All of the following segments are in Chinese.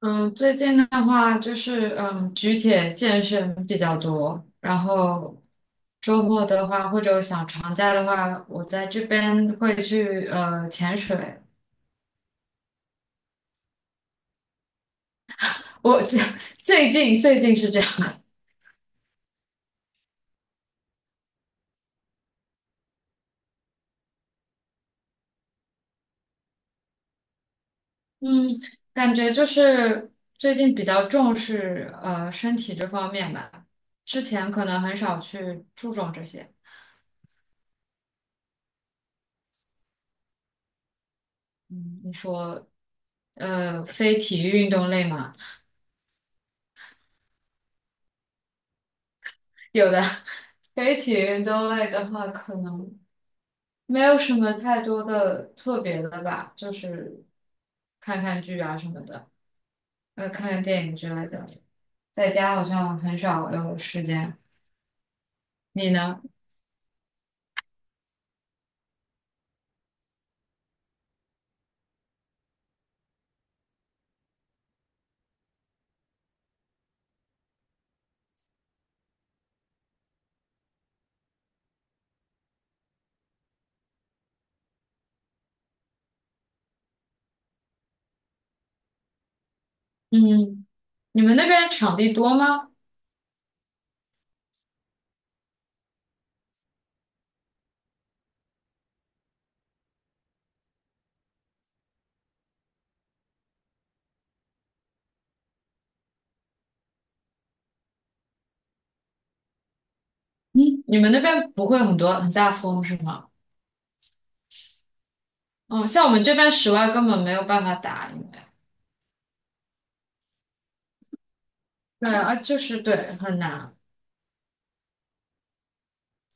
嗯，最近的话就是举铁健身比较多，然后周末的话或者想长假的话，我在这边会去潜水。我这 最近是这样，嗯，感觉就是最近比较重视身体这方面吧，之前可能很少去注重这些。嗯，你说非体育运动类嘛，有的 非体育运动类的话可能。没有什么太多的特别的吧，就是看看剧啊什么的，看看电影之类的。在家好像很少有时间。你呢？嗯，你们那边场地多吗？你们那边不会很多很大风是吗？嗯，像我们这边室外根本没有办法打，因为对啊，就是对很难。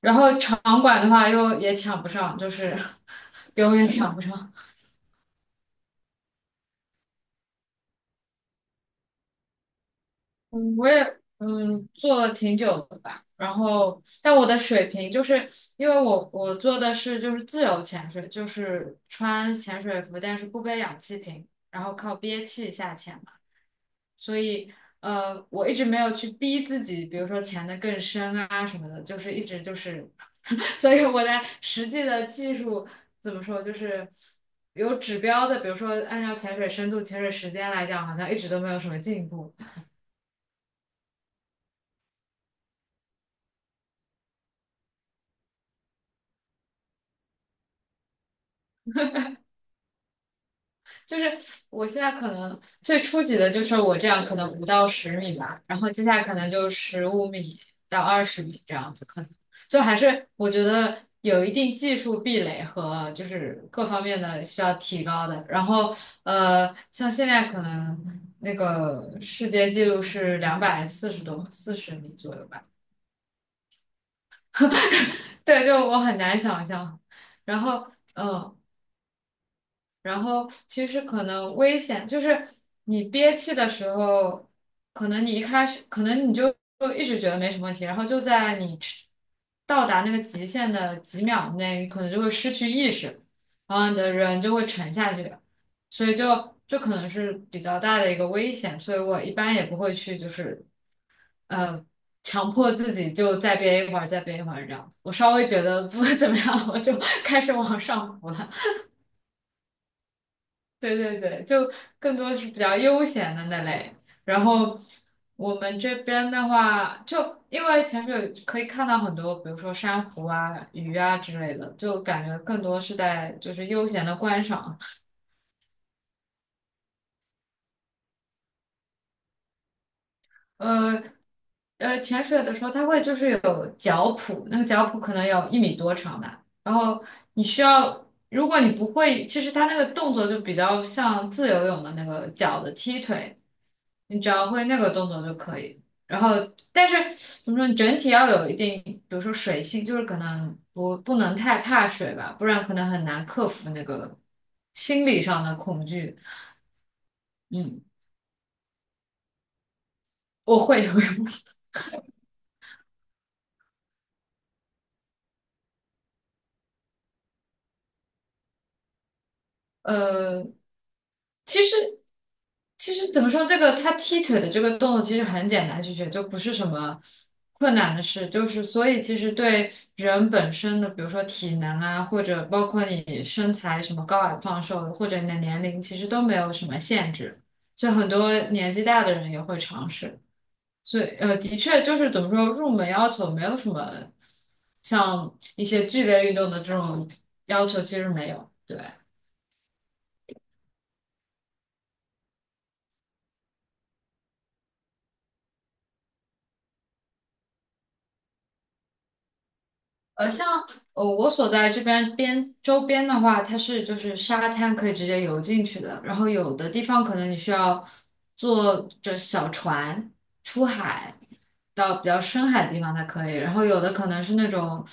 然后场馆的话又也抢不上，就是 永远抢不上。嗯，我也做了挺久的吧，然后但我的水平就是因为我做的是就是自由潜水，就是穿潜水服，但是不背氧气瓶，然后靠憋气下潜嘛，所以我一直没有去逼自己，比如说潜得更深啊什么的，就是一直就是，所以我在实际的技术怎么说就是有指标的，比如说按照潜水深度、潜水时间来讲，好像一直都没有什么进步。就是我现在可能最初级的就是我这样，可能5到10米吧，然后接下来可能就15米到20米这样子，可能就还是我觉得有一定技术壁垒和就是各方面的需要提高的。然后像现在可能那个世界纪录是两百四十多四十米左右吧，对，就我很难想象。然后嗯，呃然后其实可能危险就是你憋气的时候，可能你一开始可能你就一直觉得没什么问题，然后就在你到达那个极限的几秒内，可能就会失去意识，然后你的人就会沉下去，所以就可能是比较大的一个危险，所以我一般也不会去就是呃。强迫自己就再憋一会儿，再憋一会儿这样子。我稍微觉得不 会怎么样，我就开始往上浮了。对对对，就更多是比较悠闲的那类。然后我们这边的话，就因为潜水可以看到很多，比如说珊瑚啊、鱼啊之类的，就感觉更多是在就是悠闲的观赏。呃潜水的时候它会就是有脚蹼，那个脚蹼可能有1米多长吧。然后你需要，如果你不会，其实它那个动作就比较像自由泳的那个脚的踢腿。你只要会那个动作就可以。然后，但是怎么说，你整体要有一定，比如说水性，就是可能不能太怕水吧，不然可能很难克服那个心理上的恐惧。嗯，我会游泳。呃，其实其实怎么说，这个他踢腿的这个动作其实很简单去学，就不是什么困难的事。就是所以，其实对人本身的，比如说体能啊，或者包括你身材什么高矮胖瘦，或者你的年龄，其实都没有什么限制。就很多年纪大的人也会尝试。所以，的确就是怎么说，入门要求没有什么像一些剧烈运动的这种要求，其实没有。对。像我所在这边周边的话，它是就是沙滩可以直接游进去的，然后有的地方可能你需要坐着小船出海到比较深海的地方才可以，然后有的可能是那种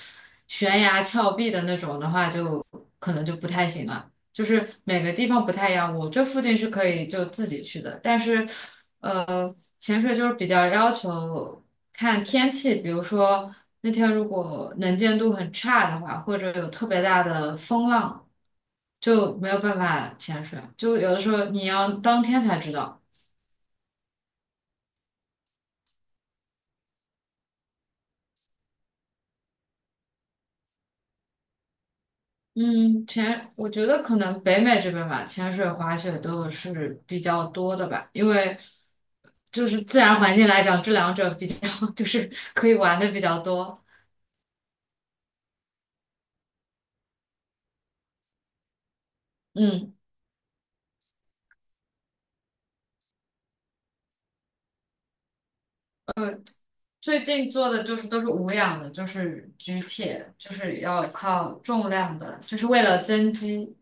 悬崖峭壁的那种的话就，可能就不太行了。就是每个地方不太一样，我这附近是可以就自己去的，但是。呃。潜水就是比较要求看天气，比如说那天如果能见度很差的话，或者有特别大的风浪，就没有办法潜水。就有的时候你要当天才知道。嗯，我觉得可能北美这边吧，潜水、滑雪都是比较多的吧，因为就是自然环境来讲，这两者比较 就是可以玩的比较多。嗯。最近做的就是都是无氧的，就是举铁，就是要靠重量的，就是为了增肌。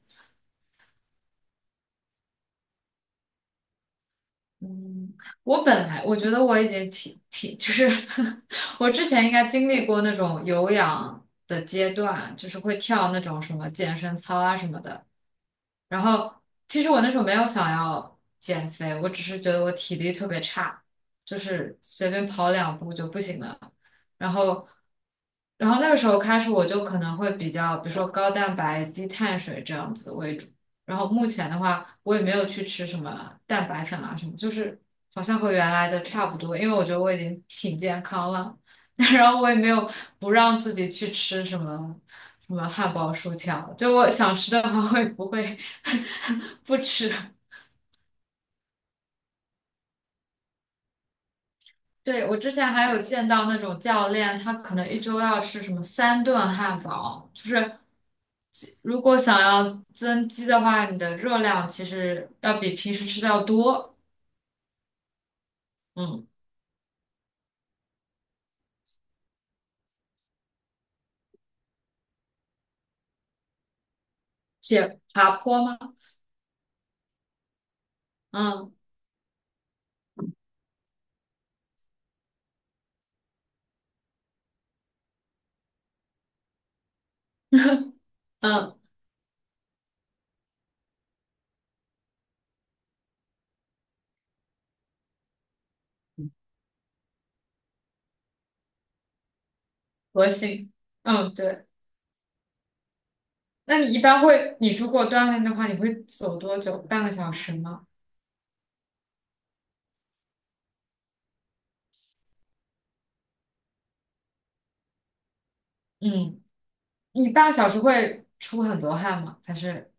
嗯，我本来我觉得我已经挺，就是 我之前应该经历过那种有氧的阶段，就是会跳那种什么健身操啊什么的。然后其实我那时候没有想要减肥，我只是觉得我体力特别差，就是随便跑两步就不行了。然后，然后，那个时候开始我就可能会比较，比如说高蛋白、低碳水这样子为主。然后目前的话，我也没有去吃什么蛋白粉啊什么，就是好像和原来的差不多，因为我觉得我已经挺健康了。然后我也没有不让自己去吃什么什么汉堡、薯条，就我想吃的话会不会 不吃。对，我之前还有见到那种教练，他可能1周要吃什么3顿汉堡，就是如果想要增肌的话，你的热量其实要比平时吃的要多。嗯，且爬坡吗？嗯嗯，核心。嗯，对。那你一般会，你如果锻炼的话，你会走多久？半个小时吗？嗯，你半个小时会出很多汗吗？还是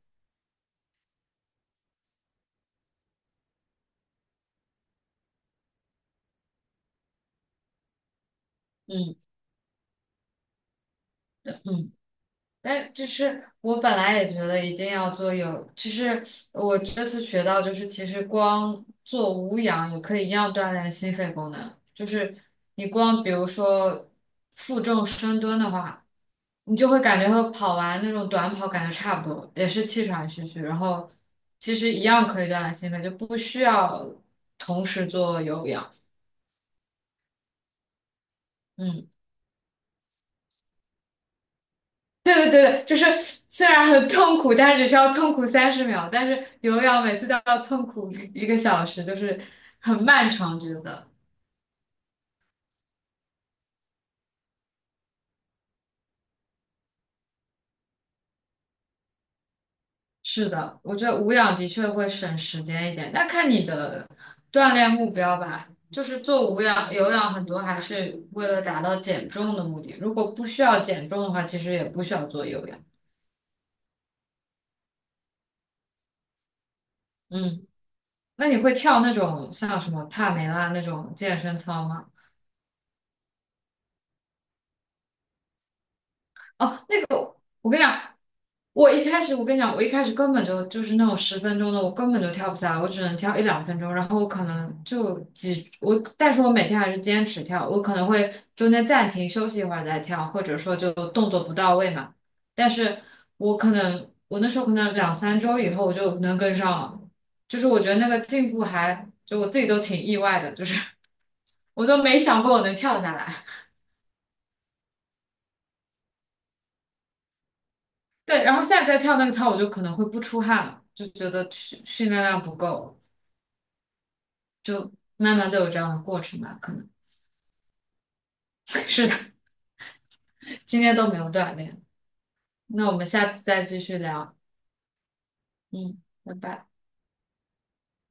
嗯嗯。哎，就是我本来也觉得一定要其实我这次学到，就是其实光做无氧也可以一样锻炼心肺功能。就是你光比如说负重深蹲的话，你就会感觉和跑完那种短跑感觉差不多，也是气喘吁吁。然后其实一样可以锻炼心肺，就不需要同时做有氧。嗯。对对对对，就是虽然很痛苦，但是只需要痛苦30秒，但是有氧每次都要痛苦1个小时，就是很漫长，觉得。是的，我觉得无氧的确会省时间一点，但看你的锻炼目标吧。就是做无氧、有氧很多还是为了达到减重的目的，如果不需要减重的话，其实也不需要做有氧。嗯，那你会跳那种像什么帕梅拉那种健身操吗？哦。我跟你讲，我一开始根本就是那种10分钟的，我根本就跳不下来，我只能跳一两分钟，然后我可能就几我，但是我每天还是坚持跳，我可能会中间暂停休息一会儿再跳，或者说就动作不到位嘛。但是我可能我那时候可能两三周以后我就能跟上了，就是我觉得那个进步还就我自己都挺意外的，就是 我都没想过我能跳下来。对，然后现在再跳那个操，我就可能会不出汗了，就觉得训练量不够，就慢慢都有这样的过程吧，可能 是的，今天都没有锻炼。那我们下次再继续聊，嗯，拜拜。